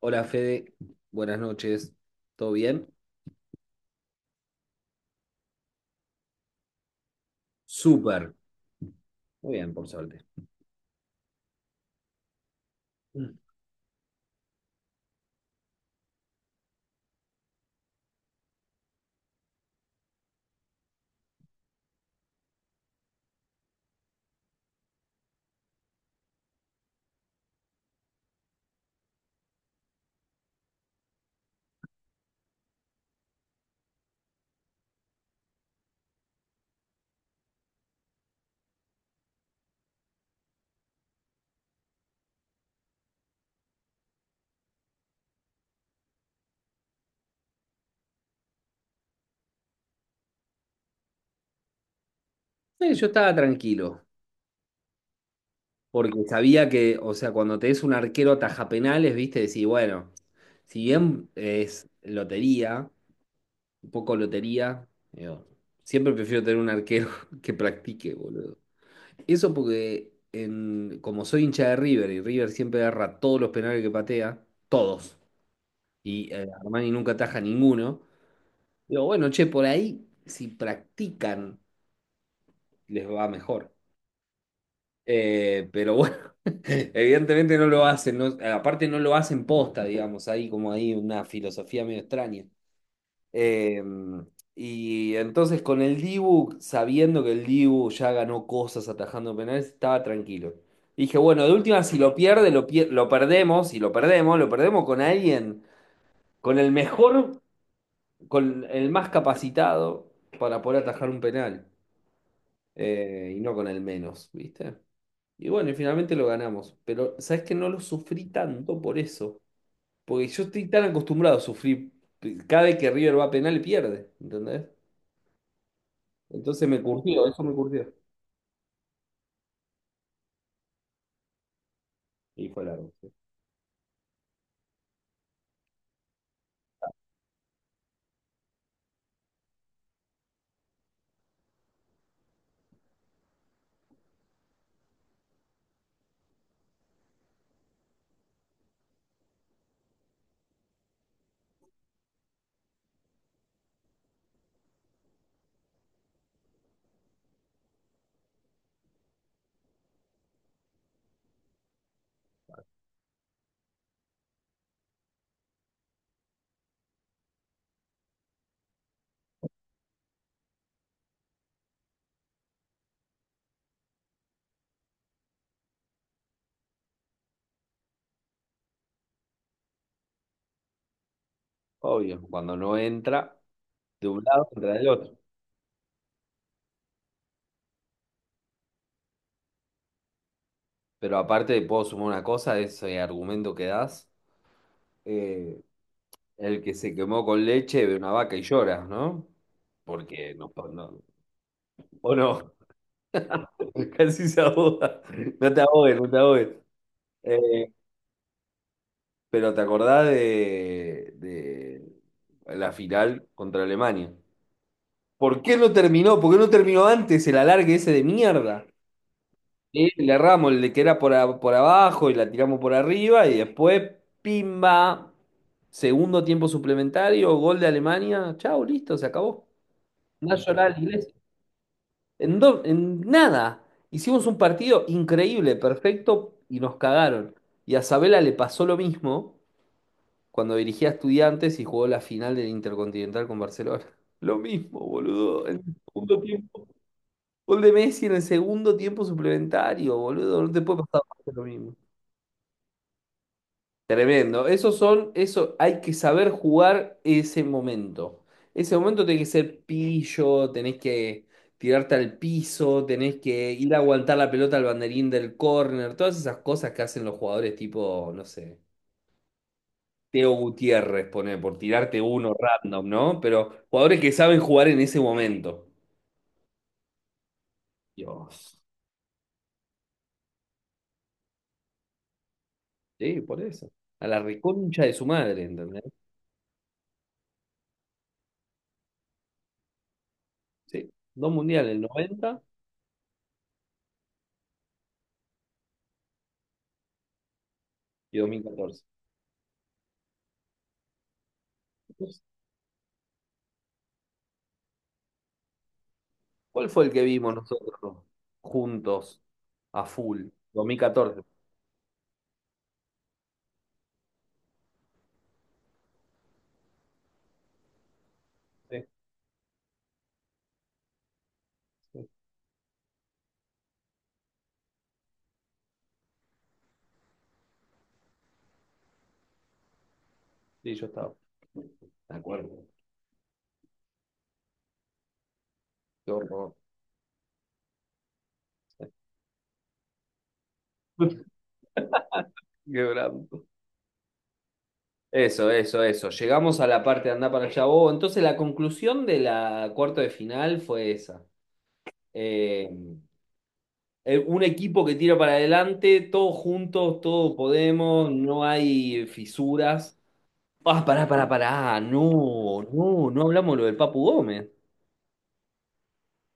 Hola Fede, buenas noches, ¿todo bien? Súper, muy bien, por suerte. Mm. Yo estaba tranquilo, porque sabía que, o sea, cuando te es un arquero taja penales, viste, decís, bueno, si bien es lotería, un poco lotería, digo, siempre prefiero tener un arquero que practique, boludo. Eso porque como soy hincha de River y River siempre agarra todos los penales que patea, todos, y Armani nunca ataja ninguno. Digo, bueno, che, por ahí si practican les va mejor. Pero bueno, evidentemente no lo hacen, aparte no lo hacen posta, digamos, hay como ahí una filosofía medio extraña. Eh, y entonces con el Dibu, sabiendo que el Dibu ya ganó cosas atajando penales, estaba tranquilo. Dije, bueno, de última, si lo pierde, lo perdemos, y lo perdemos con alguien, con el mejor, con el más capacitado para poder atajar un penal. Y no con el menos, ¿viste? Y bueno, y finalmente lo ganamos. Pero, ¿sabes que no lo sufrí tanto por eso? Porque yo estoy tan acostumbrado a sufrir. Cada vez que River va a penal, pierde, ¿entendés? Entonces me curtió, eso me curtió. Y fue largo, sí. Obvio, cuando no entra de un lado, entra del otro. Pero aparte, puedo sumar una cosa, ese argumento que das. eh, el que se quemó con leche ve una vaca y llora, ¿no? Porque o no. Casi se ahoga. No te ahogues, no te ahogues. Eh, pero ¿te acordás de la final contra Alemania? ¿Por qué no terminó? ¿Por qué no terminó antes el alargue ese de mierda? Le erramos el de que era por, por abajo y la tiramos por arriba y después, pimba, segundo tiempo suplementario, gol de Alemania. Chau, listo, se acabó. Nacional, en nada. Hicimos un partido increíble, perfecto, y nos cagaron. Y a Sabela le pasó lo mismo cuando dirigía a Estudiantes y jugó la final del Intercontinental con Barcelona. Lo mismo, boludo. En el segundo tiempo. Gol de Messi en el segundo tiempo suplementario, boludo. No te puede pasar más que lo mismo. Tremendo. Esos son, eso hay que saber jugar ese momento. Ese momento tenés que ser pillo, tenés que tirarte al piso, tenés que ir a aguantar la pelota al banderín del córner, todas esas cosas que hacen los jugadores tipo, no sé, Teo Gutiérrez, pone, por tirarte uno random, ¿no? Pero jugadores que saben jugar en ese momento. Dios. Sí, por eso. A la reconcha de su madre, ¿entendés? Sí. Dos mundiales, el 90 y 2014. ¿Cuál fue el que vimos nosotros juntos a full? 2014. Sí, sí, sí, yo estaba. De acuerdo. Qué horror. Qué brambo. Eso, eso, eso. Llegamos a la parte de andar para allá. Oh, entonces la conclusión de la cuarto de final fue esa. Eh, un equipo que tira para adelante, todos juntos, todos podemos, no hay fisuras. Ah, pará, pará, pará. Ah, no, no, no hablamos lo del Papu Gómez.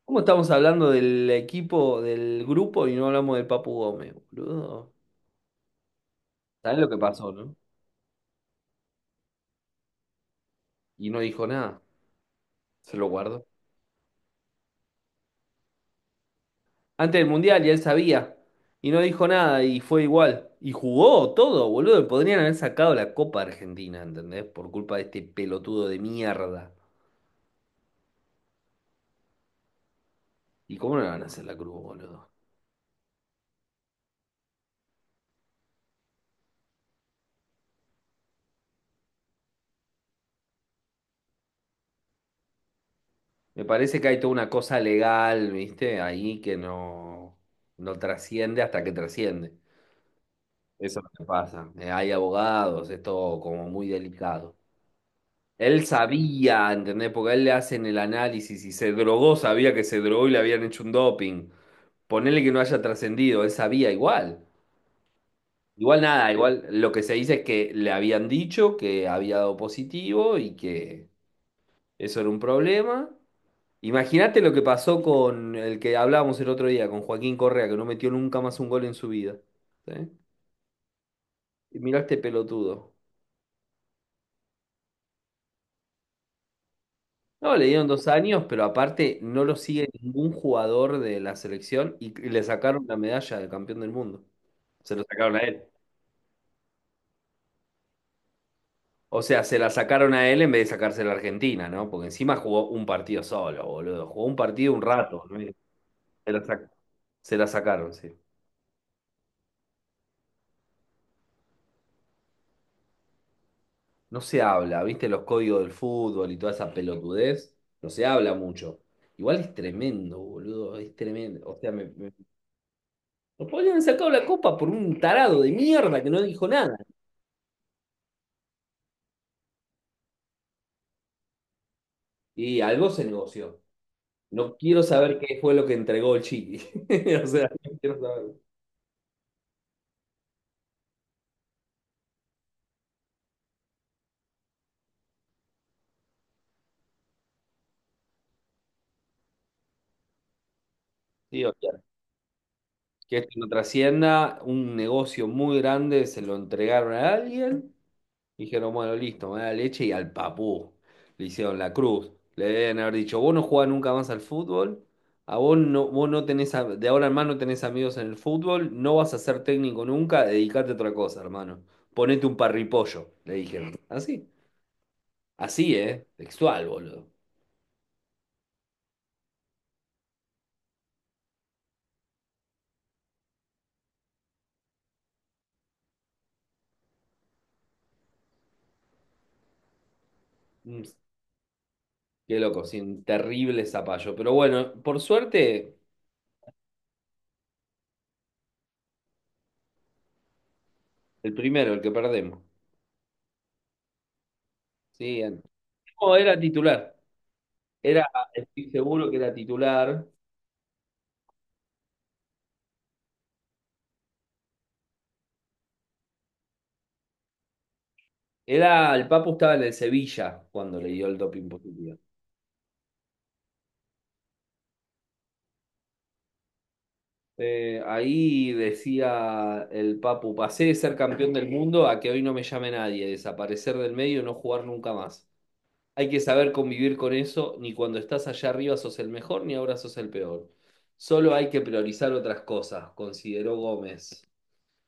¿Cómo estamos hablando del equipo, del grupo y no hablamos del Papu Gómez, boludo? ¿Sabés lo que pasó, no? Y no dijo nada, se lo guardó. Antes del Mundial ya él sabía y no dijo nada y fue igual. Y jugó todo, boludo. Podrían haber sacado la Copa Argentina, ¿entendés? Por culpa de este pelotudo de mierda. ¿Y cómo no le van a hacer la cruz, boludo? Me parece que hay toda una cosa legal, ¿viste? Ahí que no, no trasciende hasta que trasciende. Eso es lo que pasa. Hay abogados, es todo como muy delicado. Él sabía, ¿entendés? Porque a él le hacen el análisis y se drogó, sabía que se drogó y le habían hecho un doping. Ponele que no haya trascendido, él sabía igual. Igual nada, igual lo que se dice es que le habían dicho que había dado positivo y que eso era un problema. Imagínate lo que pasó con el que hablábamos el otro día, con Joaquín Correa, que no metió nunca más un gol en su vida. ¿Sí? Y mirá este pelotudo. No, le dieron 2 años, pero aparte no lo sigue ningún jugador de la selección y le sacaron la medalla de campeón del mundo. Se lo sacaron a él. O sea, se la sacaron a él en vez de sacársela a Argentina, ¿no? Porque encima jugó un partido solo, boludo. Jugó un partido un rato, ¿no? Y Se la sac- se la sacaron, sí. No se habla, ¿viste? Los códigos del fútbol y toda esa pelotudez. No se habla mucho. Igual es tremendo, boludo. Es tremendo. O sea, nos podrían haber sacado la copa por un tarado de mierda que no dijo nada. Y algo se negoció. No quiero saber qué fue lo que entregó el Chiqui. O sea, no quiero saberlo. Sí, o sea, que esto no trascienda, un negocio muy grande, se lo entregaron a alguien, dijeron, bueno, listo, me da leche y al papú. Le hicieron la cruz. Le deben haber dicho, vos no jugás nunca más al fútbol, a vos no tenés, de ahora en más no tenés amigos en el fútbol, no vas a ser técnico nunca, dedicate a otra cosa, hermano. Ponete un parripollo, le dijeron. Así, así, ¿eh? Textual, boludo. Mm. Qué loco, sin terrible zapallo. Pero bueno, por suerte, el primero, el que perdemos. Sí, el- no, era titular. Era, estoy seguro que era titular. Era, el Papu estaba en el Sevilla cuando le dio el doping positivo. Ahí decía el Papu, pasé de ser campeón del mundo a que hoy no me llame nadie, desaparecer del medio y no jugar nunca más. Hay que saber convivir con eso, ni cuando estás allá arriba sos el mejor, ni ahora sos el peor. Solo hay que priorizar otras cosas, consideró Gómez.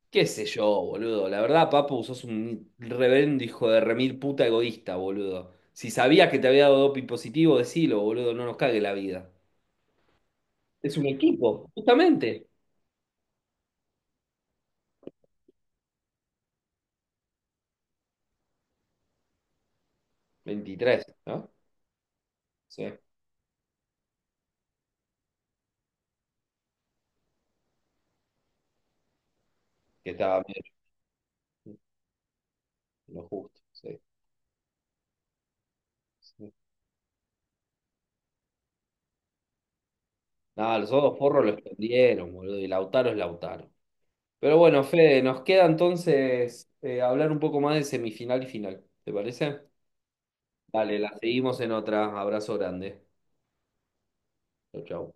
Qué sé yo, boludo. La verdad, Papu, sos un reverendo hijo de remil puta egoísta, boludo. Si sabías que te había dado doping positivo, decilo, boludo, no nos cague la vida. Es un equipo, justamente. 23, ¿no? Sí, que estaba medio lo justo, sí. Sí. Nada, los otros porros lo escondieron, boludo, y Lautaro es Lautaro. Pero bueno, Fede, nos queda entonces hablar un poco más de semifinal y final. ¿Te parece? Dale, la seguimos en otra. Abrazo grande. Chau, chau.